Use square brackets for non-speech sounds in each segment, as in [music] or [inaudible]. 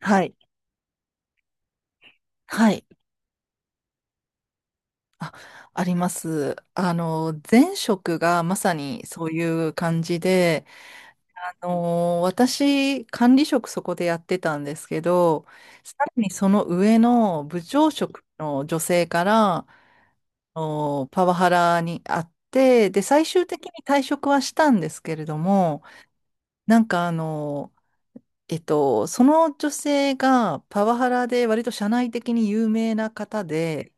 はい。はい。あ、あります。あの、前職がまさにそういう感じで、あの、私、管理職そこでやってたんですけど、さらにその上の部長職の女性から、あのパワハラにあって、で、最終的に退職はしたんですけれども、なんかあの、その女性がパワハラで割と社内的に有名な方で、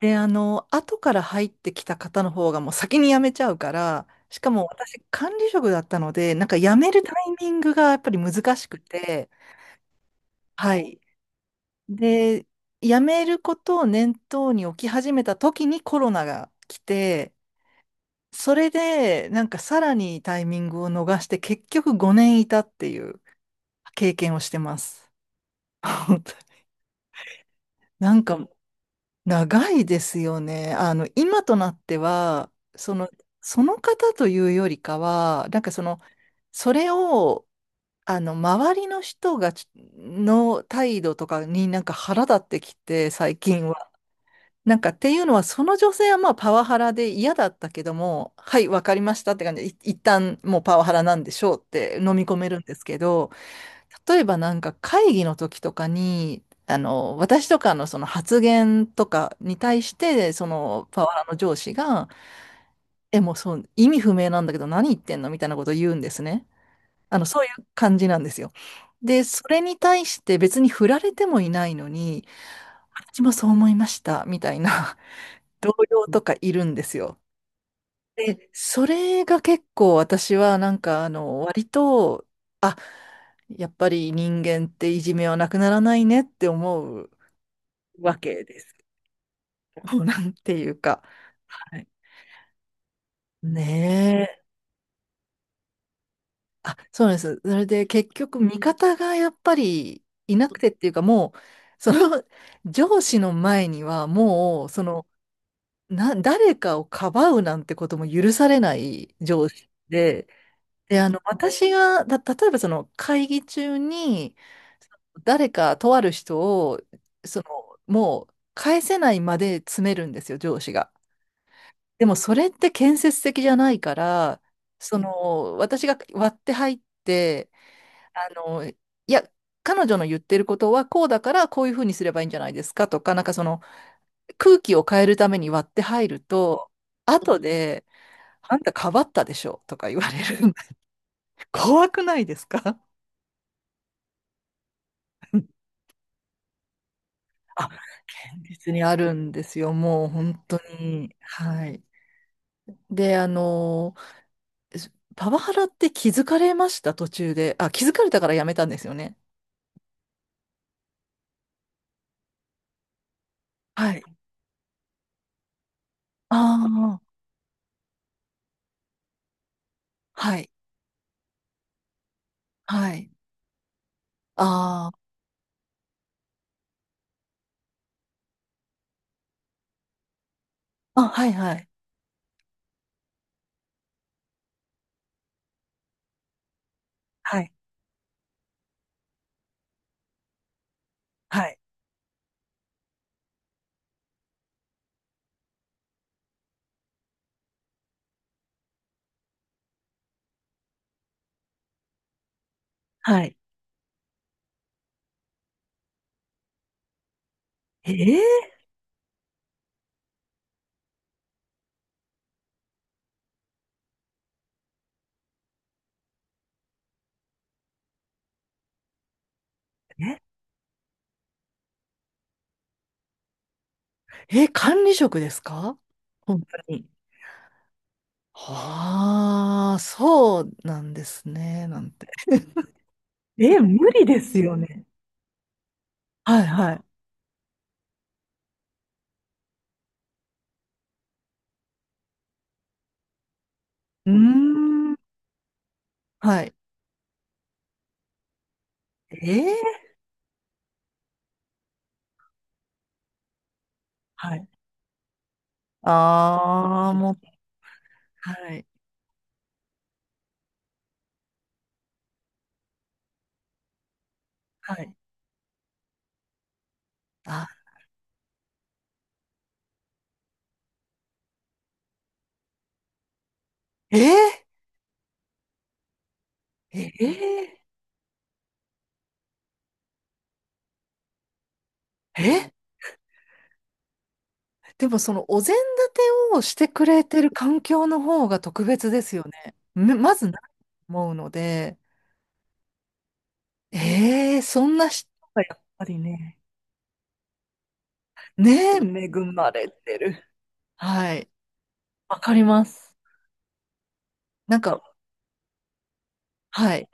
で、あの、後から入ってきた方の方がもう先に辞めちゃうから、しかも私管理職だったので、なんか辞めるタイミングがやっぱり難しくて、はい。で、辞めることを念頭に置き始めた時にコロナが来て、それでなんかさらにタイミングを逃して結局5年いたっていう経験をしてます。[laughs] なんか長いですよね。あの、今となっては、その、その方というよりかは、なんかその、それを、あの、周りの人がち、の態度とかになんか腹立ってきて、最近は。なんかっていうのは、その女性はまあパワハラで嫌だったけども、はい、わかりましたって感じで、一旦もうパワハラなんでしょうって飲み込めるんですけど、例えばなんか会議の時とかに、あの、私とかのその発言とかに対して、そのパワハラの上司が、え、もうそう、意味不明なんだけど何言ってんのみたいなことを言うんですね。あの、そういう感じなんですよ。で、それに対して別に振られてもいないのに、私もそう思いました、みたいな [laughs] 同僚とかいるんですよ。で、それが結構私はなんかあの割と、あ、やっぱり人間っていじめはなくならないねって思うわけです。もうなんていうか。はい。ねえ。あ、そうなんです。それで結局味方がやっぱりいなくてっていうかもう、その上司の前にはもう、その、誰かをかばうなんてことも許されない上司で、で、あの、私が、例えばその会議中に、誰かとある人を、その、もう返せないまで詰めるんですよ、上司が。でもそれって建設的じゃないから、その、私が割って入って、あの、いや、彼女の言ってることはこうだからこういうふうにすればいいんじゃないですかとか、なんかその空気を変えるために割って入ると、後で、あんたかばったでしょとか言われる。[laughs] 怖くないですかあ、現実にあるんですよ。もう本当に。はい。で、あの、パワハラって気づかれました、途中で。あ、気づかれたからやめたんですよね。はい。ああ、はい。はい。ああ、あ、はいはい。はい。はい。はい。えー、え、え、管理職ですか本当に。はあ、そうなんですね、なんて。[laughs] え、無理ですよね。はいはい。うーん。はい。えーはい。ああ、もっはいない。はい。あ、えー、えー、えでもそのお膳立てをしてくれてる環境の方が特別ですよね。まずないと思うので、えー、そんな人がやっぱりね、ねえ、恵まれてる。はい。わかります。なんか、はい。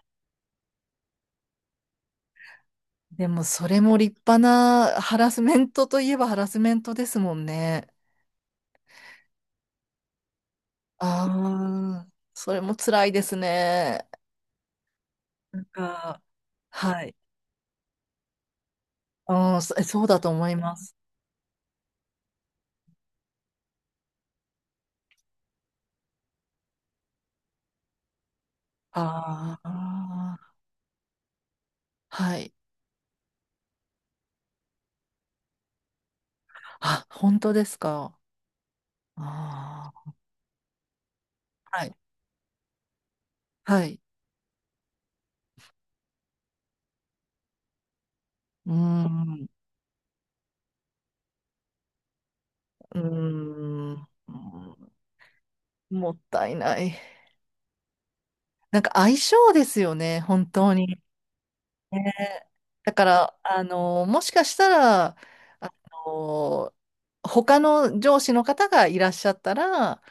でもそれも立派なハラスメントといえばハラスメントですもんね。ああ、それも辛いですね。なんか、はい。うん、そうだと思います。ああ、はい。あ、本当ですか。ああ、はい。はい。うーん、うーん、うーんもったいない。なんか相性ですよね、本当に。ねだから、あの、もしかしたら、あの、他の上司の方がいらっしゃったら、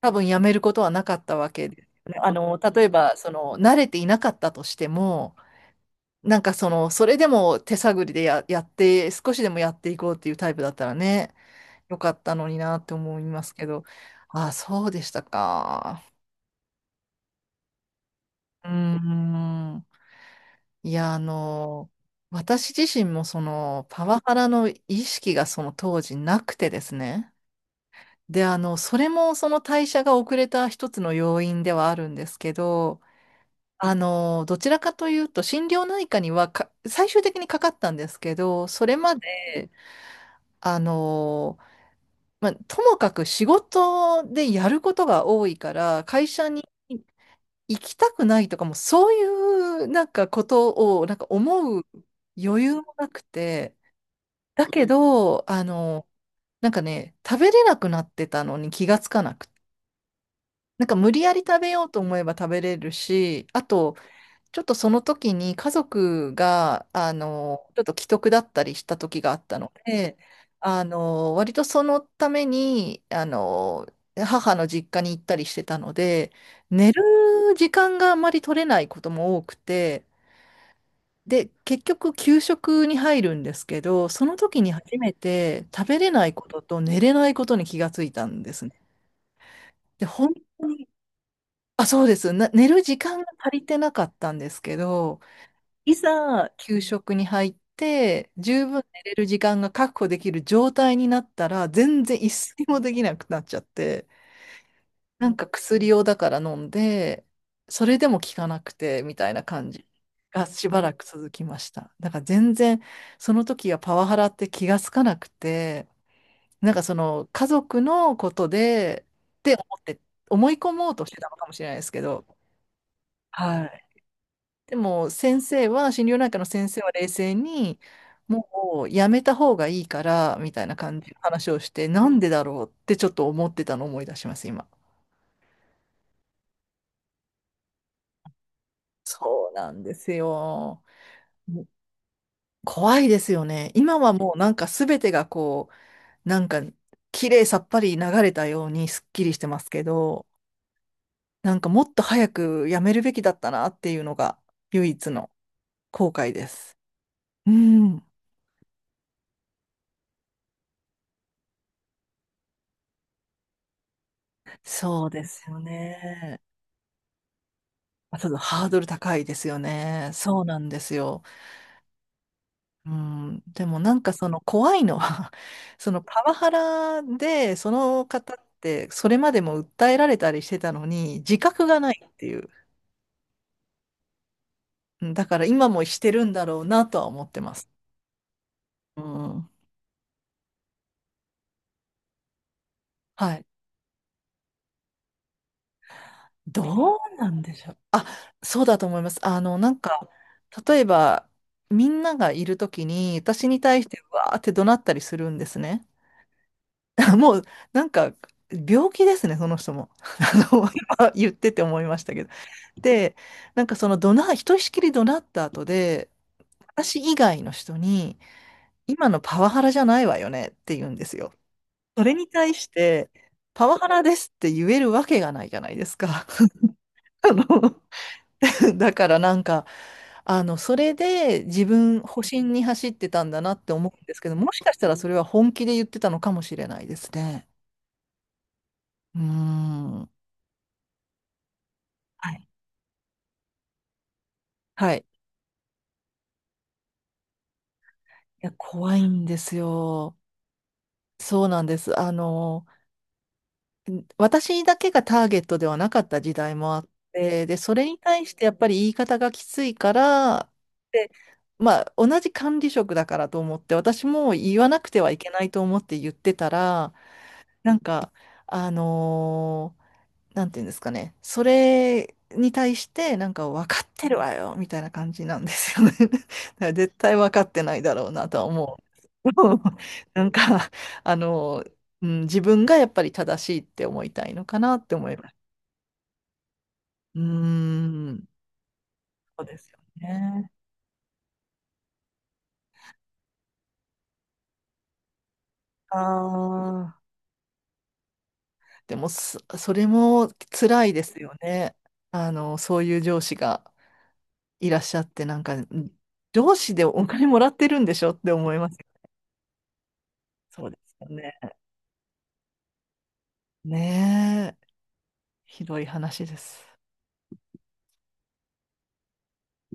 多分やめることはなかったわけですよね。あの、例えば、その、慣れていなかったとしても、なんかその、それでも手探りでや、やって、少しでもやっていこうっていうタイプだったらね、よかったのになって思いますけど、ああ、そうでしたか。うーん。いや、あの、私自身もその、パワハラの意識がその当時なくてですね。で、あの、それもその代謝が遅れた一つの要因ではあるんですけど、あの、どちらかというと、心療内科には最終的にかかったんですけど、それまで、あの、まあ、ともかく仕事でやることが多いから、会社に行きたくないとかも、そういうなんかことを、なんか思う余裕もなくて、だけど、あの、なんかね、食べれなくなってたのに気がつかなくて、なんか無理やり食べようと思えば食べれるし、あと、ちょっとその時に家族が、あの、ちょっと危篤だったりした時があったので、あの、割とそのために、あの、母の実家に行ったりしてたので、寝る時間があまり取れないことも多くて、で、結局給食に入るんですけど、その時に初めて食べれないことと寝れないことに気がついたんですね。で、本当に、あ、そうです。寝る時間が足りてなかったんですけど、いざ給食に入って十分寝れる時間が確保できる状態になったら全然一睡もできなくなっちゃってなんか薬をだから飲んでそれでも効かなくてみたいな感じがしばらく続きましただから全然その時はパワハラって気がつかなくてなんかその家族のことでって思って思い込もうとしてたのかもしれないですけどはいでも先生は、心療内科の先生は冷静に、もうやめた方がいいから、みたいな感じの話をして、なんでだろうってちょっと思ってたのを思い出します、今。そうなんですよ。もう怖いですよね。今はもうなんか全てがこう、なんか綺麗さっぱり流れたようにすっきりしてますけど、なんかもっと早くやめるべきだったなっていうのが唯一の後悔です。うん、そうですよね。あ、ちょっとハードル高いですよね。そうなんですよ。うん、でもなんかその怖いのは [laughs] そのパワハラで、その方ってそれまでも訴えられたりしてたのに、自覚がないっていう。うんだから今もしてるんだろうなとは思ってます。うん、はい。どうなんでしょう。あ、そうだと思います。あの、なんか、例えば、みんながいるときに、私に対してわーって怒鳴ったりするんですね。[laughs] もう、なんか、病気ですね、その人も。[laughs] あの、今言ってて思いましたけど。で、なんかそのひとしきり怒鳴った後で、私以外の人に、今のパワハラじゃないわよねって言うんですよ。それに対して、パワハラですって言えるわけがないじゃないですか。[laughs] あの、だからなんか、あの、それで自分、保身に走ってたんだなって思うんですけど、もしかしたらそれは本気で言ってたのかもしれないですね。うーん。はい。はい。いや、怖いんですよ。そうなんです。あの、私だけがターゲットではなかった時代もあって、で、それに対してやっぱり言い方がきついから、で、まあ、同じ管理職だからと思って、私も言わなくてはいけないと思って言ってたら、なんか、あのーなんていうんですかね。それに対して、なんか分かってるわよ、みたいな感じなんですよね。[laughs] だから絶対分かってないだろうなとは思う。[laughs] なんか、あの、うん、自分がやっぱり正しいって思いたいのかなって思います。うーん、そうですよね。ああ、でもそ、それも辛いですよね。あの、そういう上司がいらっしゃって、なんか、上司でお金もらってるんでしょって思いますよ。そうですよね。ねえ、ひどい話です。